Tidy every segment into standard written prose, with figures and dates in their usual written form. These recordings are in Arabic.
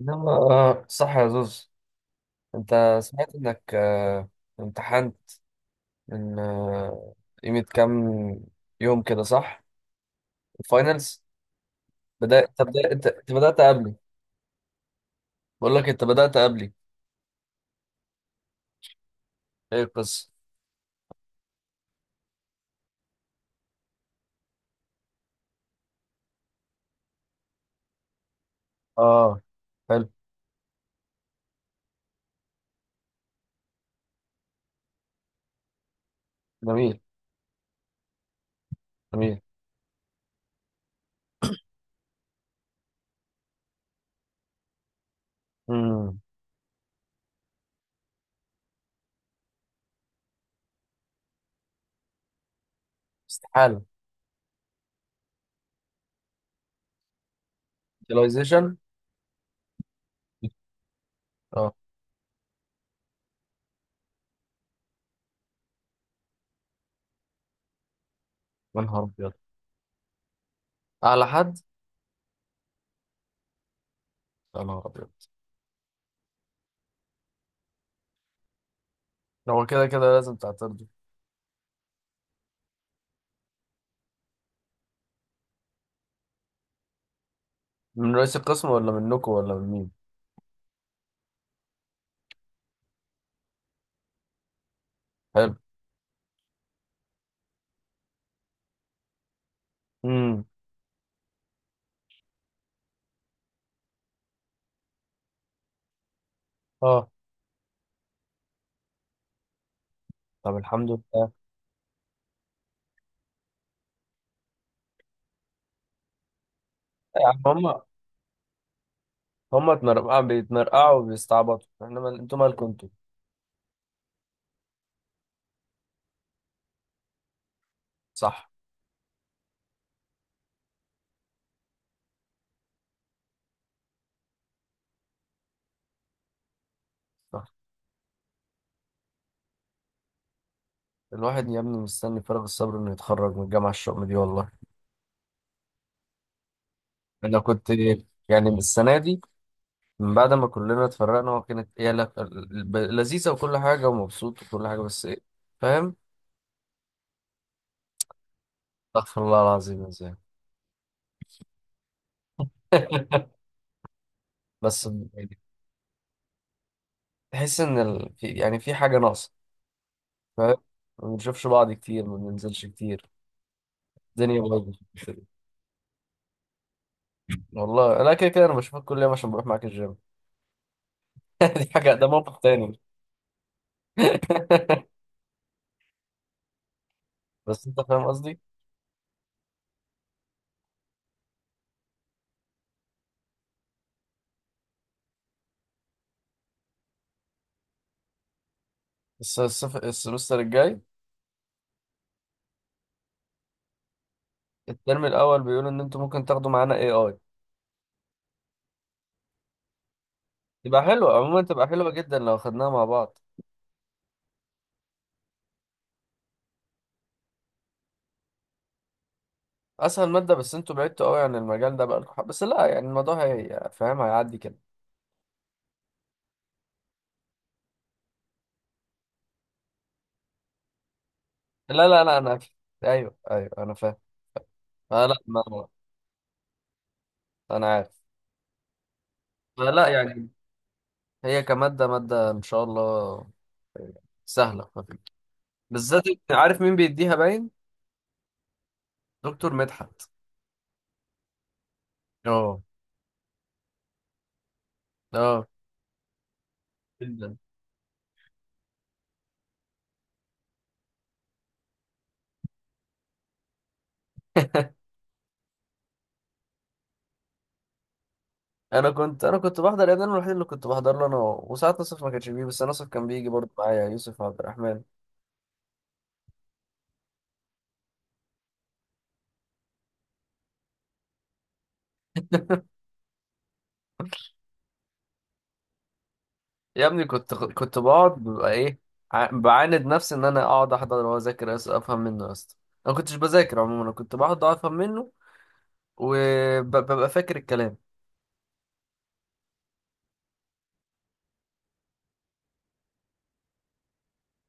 يلا آه صح يا زوز. انت سمعت انك امتحان من قيمة كام يوم كده، صح؟ الفاينلز. بدأت انت بدأت انت انت بدأت قبلي. بقول لك، انت بدأت قبلي. ايه القصة؟ اه، حلو. جميل جميل. امم. استحالة. utilization. اه. يا نهار ابيض. اعلى حد. يا نهار ابيض. هو كده كده لازم تعترضوا. من رئيس القسم ولا منكم ولا من مين؟ حلو. امم. اه. طب الحمد لله، إيه. يا عم، هما اتنرقعوا بيتنرقعوا وبيستعبطوا. انتوا مالكم انتوا. صح. صح. الواحد يا ابني مستني فارغ الصبر انه يتخرج من الجامعة الشؤم دي، والله. انا كنت يعني من السنة دي، من بعد ما كلنا اتفرقنا، وكانت لذيذة وكل حاجة ومبسوط وكل حاجة، بس ايه. فاهم. استغفر الله العظيم، ازاي؟ بس يعني تحس ان يعني في حاجة ناقصة. فاهم. ما بنشوفش بعض كتير، ما بننزلش كتير. الدنيا بايظة. والله انا كده كده انا بشوفك كل يوم عشان بروح معاك الجيم. دي حاجة، ده موقف تاني. بس انت فاهم قصدي. السمستر الجاي. الترم الاول بيقول ان انتوا ممكن تاخدوا معانا اي اي. تبقى حلوة عموما، تبقى حلوة جدا لو خدناها مع بعض. اسهل مادة، بس انتوا بعدتوا قوي عن المجال ده بقالكم، بس لا، يعني الموضوع هي، فاهم، هيعدي كده. لا لا لا انا. ايوه ايوه انا فاهم. آه لا، ما انا عارف. آه لا يعني هي كمادة مادة ان شاء الله سهلة خفيفة. بالذات انت عارف مين بيديها باين؟ دكتور مدحت. اه. اه انا كنت بحضر يا ابني. أنا الوحيد اللي كنت بحضر له، انا هو. وساعات نصف ما كانش بيجي، بس نصف كان بيجي برضه معايا يوسف عبد الرحمن. يا ابني كنت بقعد ببقى ايه، بعاند نفسي ان انا اقعد احضر واذاكر، افهم منه يا اسطى. انا كنتش بذاكر عموما، انا كنت بقعد افهم منه وببقى فاكر الكلام.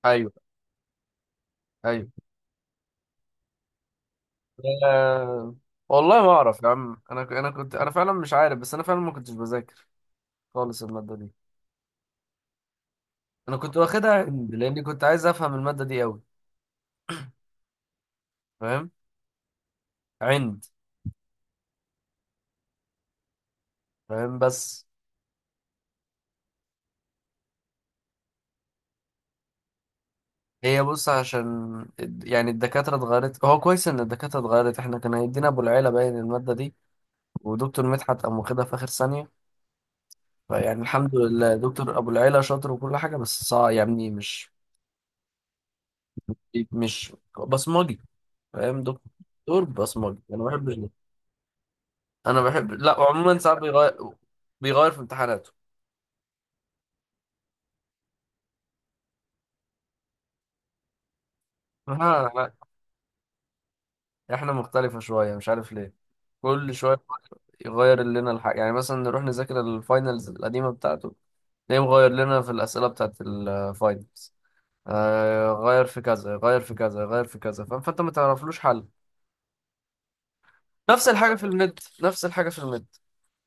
ايوه ايوه. آه، والله ما اعرف يا عم، انا فعلا مش عارف، بس انا فعلا ما كنتش بذاكر خالص الماده دي. انا كنت واخدها عند، لاني كنت عايز افهم الماده دي قوي. فاهم. عند. فاهم بس. هي بص، عشان يعني الدكاترة اتغيرت، هو كويس إن الدكاترة اتغيرت. احنا كان هيدينا أبو العيلة باين المادة دي، ودكتور مدحت قام واخدها في آخر ثانية. فيعني الحمد لله، دكتور أبو العيلة شاطر وكل حاجة، بس صعب، يعني مش بصمجي. فاهم، دكتور بصمجي، أنا ما بحبش ده. أنا بحب، لا، وعموما ساعات بيغير في امتحاناته. ها لا، احنا مختلفة شوية، مش عارف ليه. كل شوية يغير لنا الحاجة، يعني مثلا نروح نذاكر الفاينلز القديمة بتاعته، ليه مغير لنا في الأسئلة بتاعت الفاينلز؟ آه، غير في كذا، غير في كذا، غير في كذا، فاهم، فأنت ما تعرفلوش حل. نفس الحاجة في النت، نفس الحاجة في النت.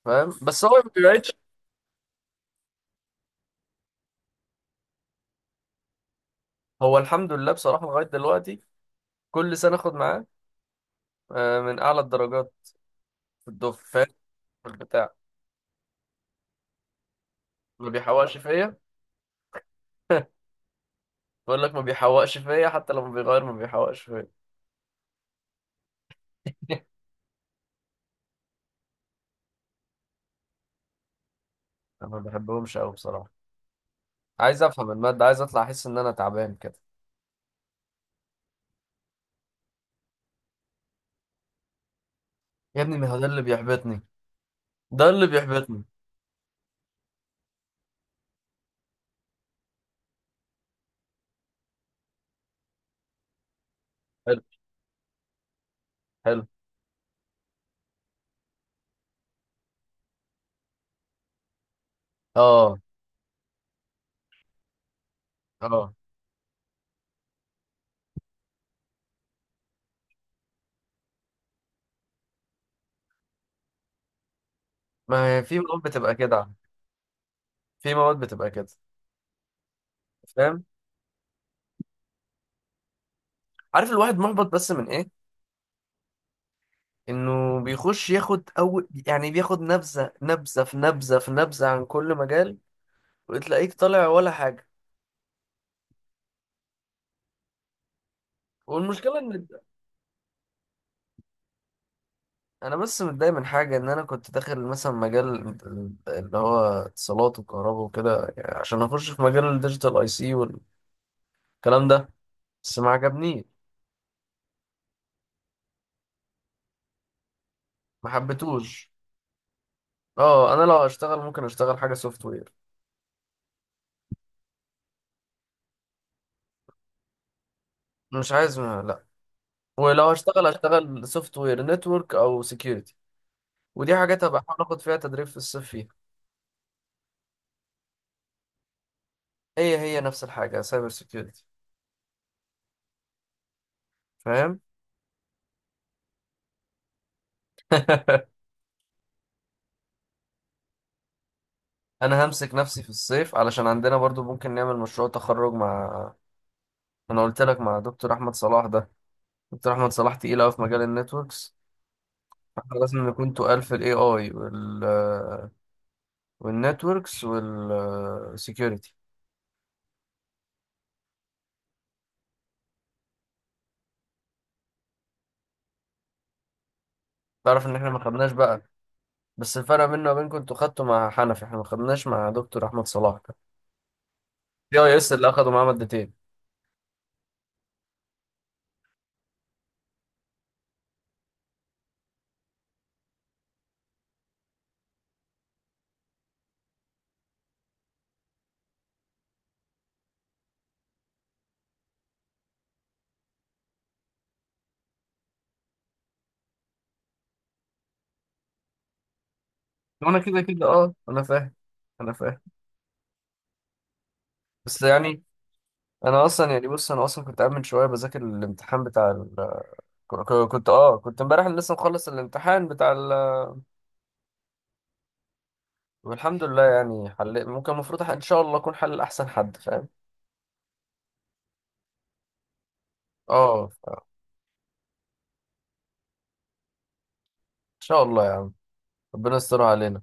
فاهم، بس هو ما بيبعدش. هو الحمد لله بصراحة، لغاية دلوقتي كل سنة أخد معاه من أعلى الدرجات في الدفعة، فاهم، في البتاع. ما بيحوقش فيا. بقول لك، ما بيحوقش فيا، حتى لما بيغير ما بيحوقش فيا. أنا ما بحبهمش أوي بصراحة. عايز أفهم المادة، عايز أطلع أحس إن أنا تعبان كده. يا ابني، ما هو ده اللي بيحبطني، ده اللي بيحبطني. حلو. حلو. اه. اه. ما هي في مواد بتبقى كده، في مواد بتبقى كده. فاهم. عارف الواحد محبط بس من ايه؟ انه بيخش ياخد اول، يعني بياخد نبذه نبذه في نبذه في نبذه عن كل مجال، وتلاقيك طالع ولا حاجه. والمشكله ان انا، بس متضايق من حاجه، ان انا كنت داخل مثلا مجال اللي هو اتصالات وكهرباء وكده، يعني عشان اخش في مجال الديجيتال اي سي والكلام ده، بس ما عجبنيش، ما حبيتهوش. اه، انا لو هشتغل ممكن اشتغل حاجه سوفت وير. مش عايز، ما لا، ولو هشتغل هشتغل سوفت وير نتورك او سكيورتي، ودي حاجات هبقى احاول اخد فيها تدريب في الصيف فيها. هي هي نفس الحاجه، سايبر سكيورتي. فاهم. انا همسك نفسي في الصيف علشان عندنا برضو ممكن نعمل مشروع تخرج مع، انا قلت لك، مع دكتور احمد صلاح ده. دكتور احمد صلاح تقيل قوي في مجال النتوركس، فاحنا لازم نكون تقال في الاي اي والنتوركس والسكيورتي. تعرف ان احنا ما خدناش بقى، بس الفرق بيننا وبينكم انتوا خدتوا مع حنفي، احنا ما خدناش مع دكتور احمد صلاح. يا يس اللي اخدوا معاه مادتين. وانا كده كده، انا فاهم. انا فاهم. بس يعني انا اصلا يعني بص انا اصلا كنت قاعد من شويه بذاكر الامتحان بتاع كنت امبارح لسه مخلص الامتحان بتاع والحمد لله، يعني حل ممكن، المفروض ان شاء الله اكون حل احسن حد، فاهم. اه ان شاء الله يا عم، ربنا يستر علينا.